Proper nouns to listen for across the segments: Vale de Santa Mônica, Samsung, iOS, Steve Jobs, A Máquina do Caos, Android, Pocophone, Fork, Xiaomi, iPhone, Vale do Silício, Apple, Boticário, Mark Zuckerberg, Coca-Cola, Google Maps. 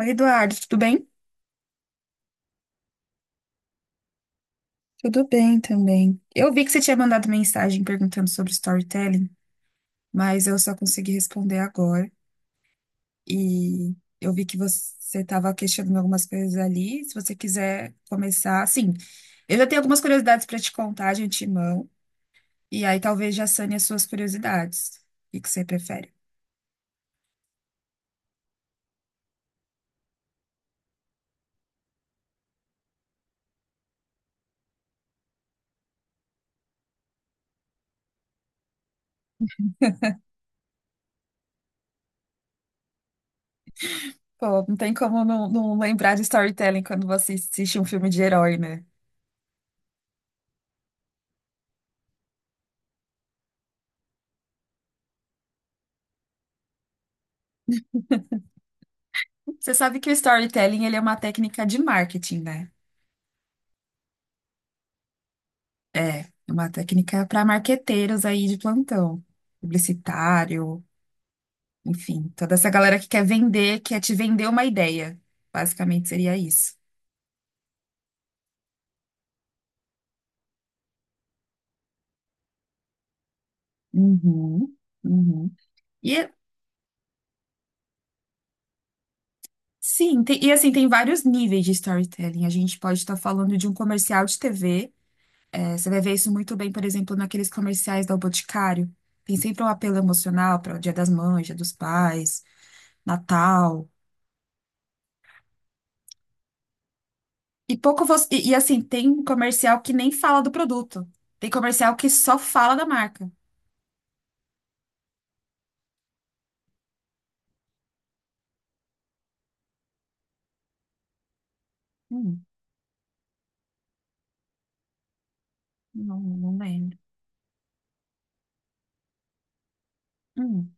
Oi, Eduardo, tudo bem? Tudo bem também. Eu vi que você tinha mandado mensagem perguntando sobre storytelling, mas eu só consegui responder agora. E eu vi que você estava questionando algumas coisas ali. Se você quiser começar, assim, eu já tenho algumas curiosidades para te contar de antemão, e aí talvez já sane as suas curiosidades. O que que você prefere? Pô, não tem como não, não lembrar de storytelling quando você assiste um filme de herói, né? Você sabe que o storytelling, ele é uma técnica de marketing, né? É, é uma técnica para marqueteiros aí de plantão, publicitário, enfim, toda essa galera que quer vender, quer te vender uma ideia. Basicamente seria isso. Uhum, uhum. E e assim, tem vários níveis de storytelling. A gente pode estar falando de um comercial de TV. É, você vai ver isso muito bem, por exemplo, naqueles comerciais do Boticário. Tem sempre um apelo emocional para o Dia das Mães, Dia dos Pais, Natal. E pouco você. Assim, tem comercial que nem fala do produto. Tem comercial que só fala da marca. Hum, não, não lembro. Hum,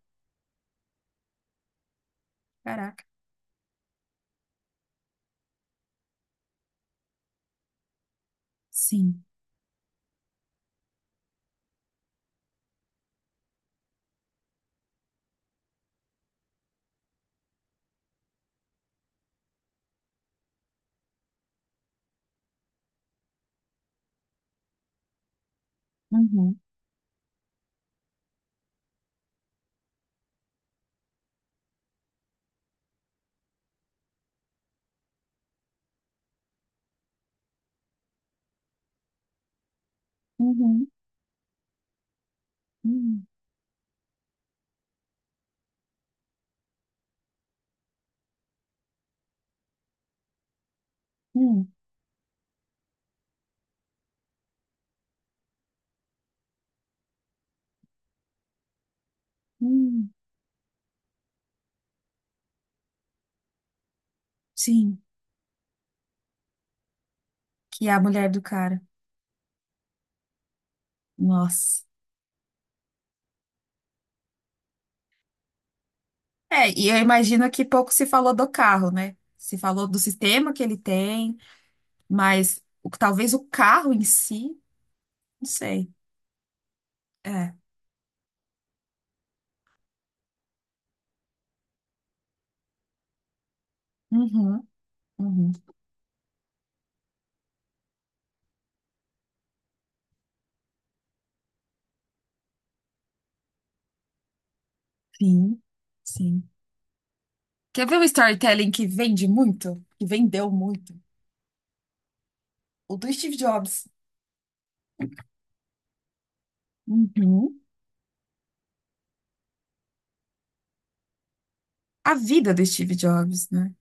caraca. Sim. Uhum, uhum, uhum, uhum, uhum. Sim. Que é a mulher do cara. Nossa. É, e eu imagino que pouco se falou do carro, né? Se falou do sistema que ele tem, talvez o carro em si, não sei. É. Uhum, uhum. Sim, sim. Quer ver um storytelling que vende muito? Que vendeu muito? O do Steve Jobs. Uhum. A vida do Steve Jobs, né?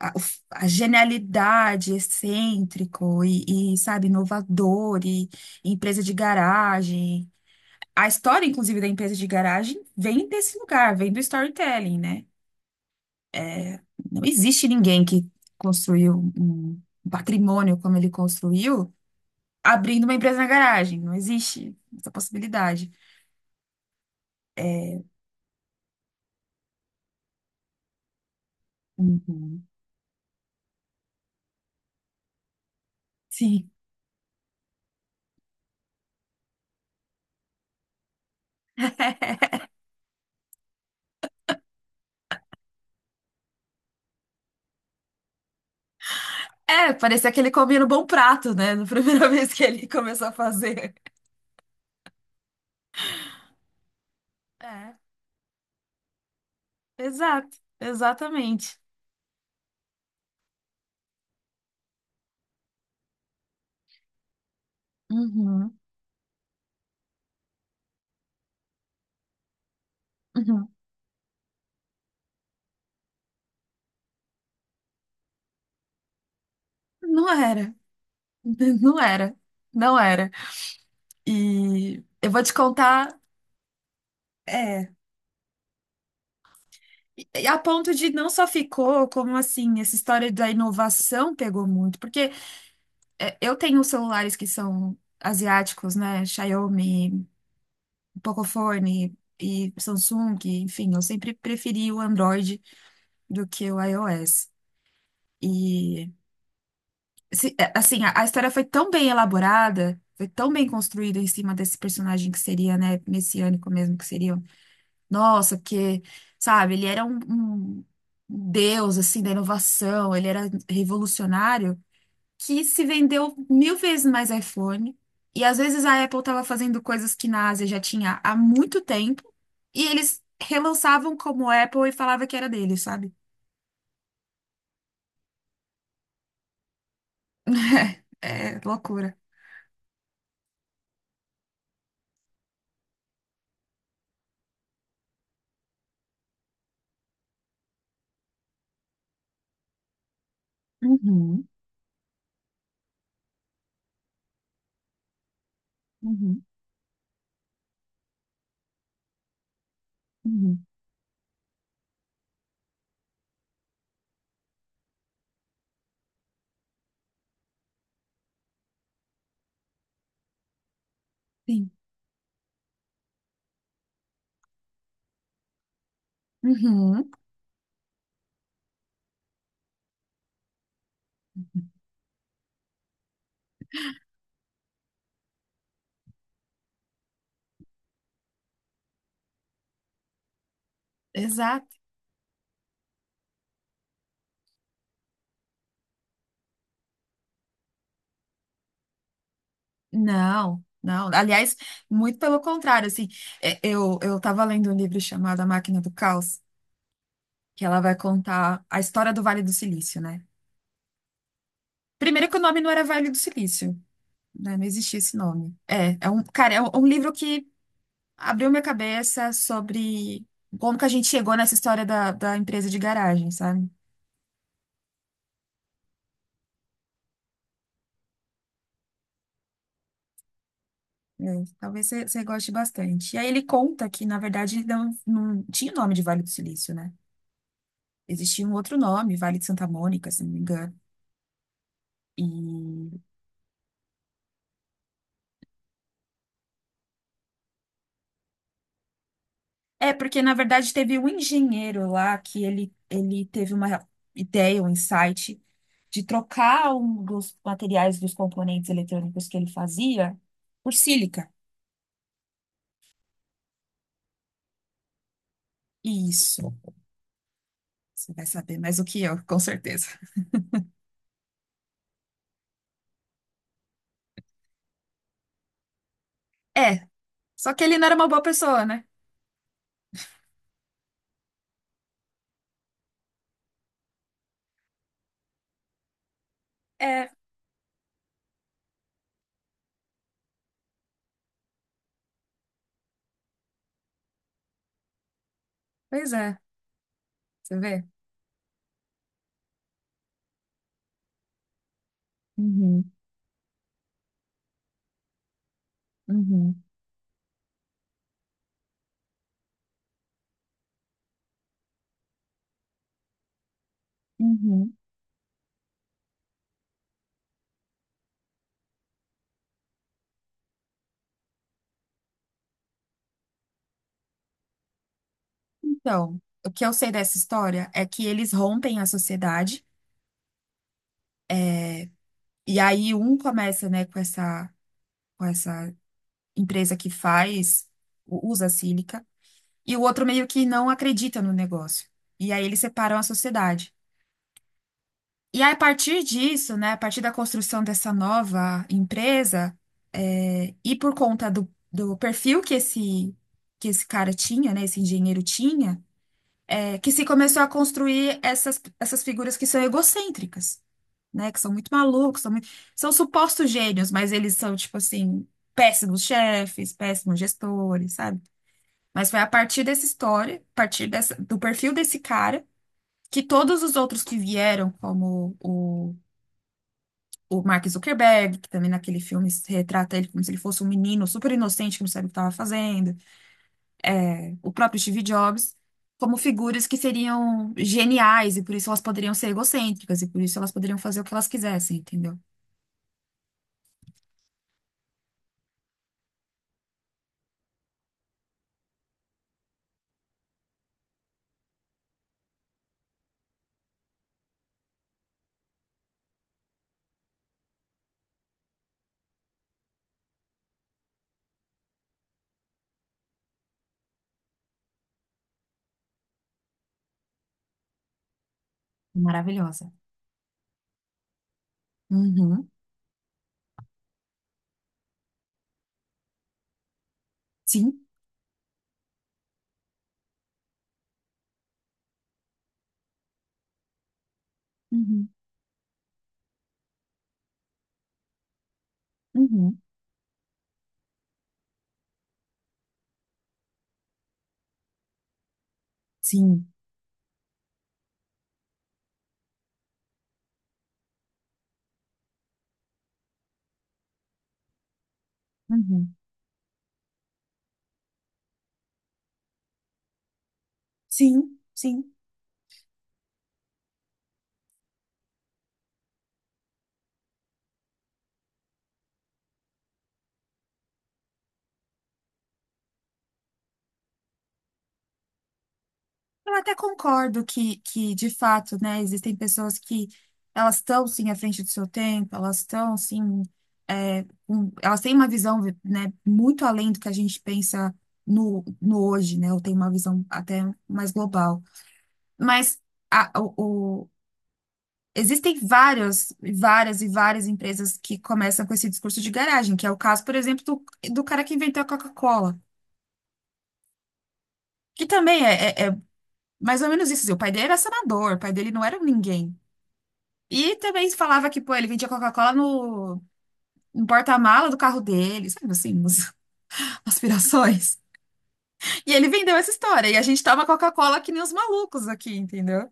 A genialidade, excêntrico e sabe, inovador e empresa de garagem. A história, inclusive, da empresa de garagem vem desse lugar, vem do storytelling, né? Não existe ninguém que construiu um patrimônio como ele construiu abrindo uma empresa na garagem. Não existe essa possibilidade. Uhum. Sim. É, parecia que ele comia no bom prato, né? Na primeira vez que ele começou a fazer. É, exato, exatamente. Uhum, uhum. Não era, não era, não era. E eu vou te contar, é, e a ponto de não só ficou, como assim, essa história da inovação pegou muito, porque eu tenho celulares que são asiáticos, né? Xiaomi, Pocophone e Samsung, enfim, eu sempre preferi o Android do que o iOS. E, assim, a história foi tão bem elaborada, foi tão bem construída em cima desse personagem que seria, né, messiânico mesmo, que seria. Nossa, porque, sabe, ele era um deus, assim, da inovação, ele era revolucionário, que se vendeu mil vezes mais iPhone. E às vezes a Apple estava fazendo coisas que na Ásia já tinha há muito tempo, e eles relançavam como Apple e falava que era dele, sabe? É loucura. Uhum. Uhum, uhum, sim. Uhum, exato. Não, não. Aliás, muito pelo contrário, assim, eu estava lendo um livro chamado A Máquina do Caos, que ela vai contar a história do Vale do Silício, né? Primeiro que o nome não era Vale do Silício, né? Não existia esse nome. É um livro que abriu minha cabeça sobre como que a gente chegou nessa história da empresa de garagem, sabe? É, talvez você goste bastante. E aí ele conta que, na verdade, não, não tinha o nome de Vale do Silício, né? Existia um outro nome, Vale de Santa Mônica, se não me engano. E é porque, na verdade, teve um engenheiro lá que ele teve uma ideia, um insight de trocar um dos materiais dos componentes eletrônicos que ele fazia por sílica. Isso, você vai saber mais do que eu, com certeza. É, só que ele não era uma boa pessoa, né? É, pois é, você vê. Uhum. Uhum, uhum. Então, o que eu sei dessa história é que eles rompem a sociedade e aí um começa, né, com essa empresa que faz, usa sílica, e o outro meio que não acredita no negócio. E aí eles separam a sociedade. E aí, a partir disso, né, a partir da construção dessa nova empresa, e por conta do perfil que que esse cara tinha, né, esse engenheiro tinha, é, que se começou a construir essas figuras que são egocêntricas, né? Que são muito malucos, são supostos gênios, mas eles são, tipo assim, péssimos chefes, péssimos gestores, sabe? Mas foi a partir dessa história, a partir dessa, do perfil desse cara, que todos os outros que vieram, como o Mark Zuckerberg, que também naquele filme se retrata ele como se ele fosse um menino super inocente que não sabe o que estava fazendo, o próprio Steve Jobs, como figuras que seriam geniais e por isso elas poderiam ser egocêntricas e por isso elas poderiam fazer o que elas quisessem, entendeu? Maravilhosa. Uhum. Sim. Uhum. Uhum. Sim. Uhum. Sim. Sim. Eu até concordo que, de fato, né, existem pessoas que elas estão, sim, à frente do seu tempo, elas estão, sim, elas têm uma visão, né, muito além do que a gente pensa no hoje, né, ou tem uma visão até mais global. Mas a- o, o- existem várias, várias e várias empresas que começam com esse discurso de garagem, que é o caso, por exemplo, do cara que inventou a Coca-Cola, que também é mais ou menos isso. Assim, o pai dele era senador, o pai dele não era ninguém. E também falava que, pô, ele vendia Coca-Cola no porta-mala do carro dele, sabe assim, umas aspirações. E ele vendeu essa história, e a gente toma Coca-Cola que nem os malucos aqui, entendeu?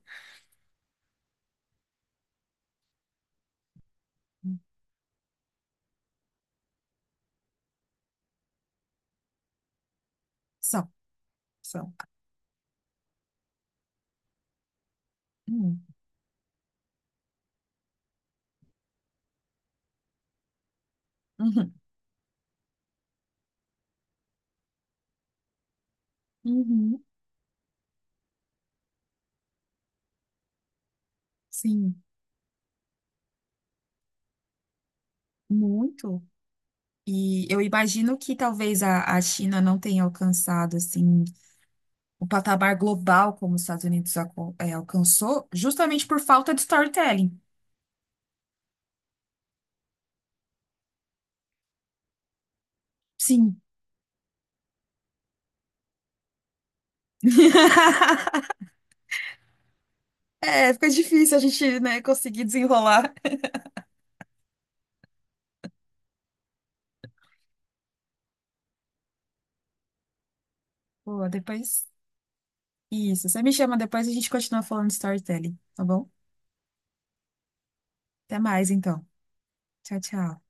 São, são. Hum, Uhum. Uhum. Sim, muito. E eu imagino que talvez a China não tenha alcançado assim o patamar global como os Estados Unidos alcançou, justamente por falta de storytelling. Sim. É, fica difícil a gente, né, conseguir desenrolar. Pô, depois. Isso, você me chama depois e a gente continua falando de storytelling, tá bom? Até mais, então. Tchau, tchau.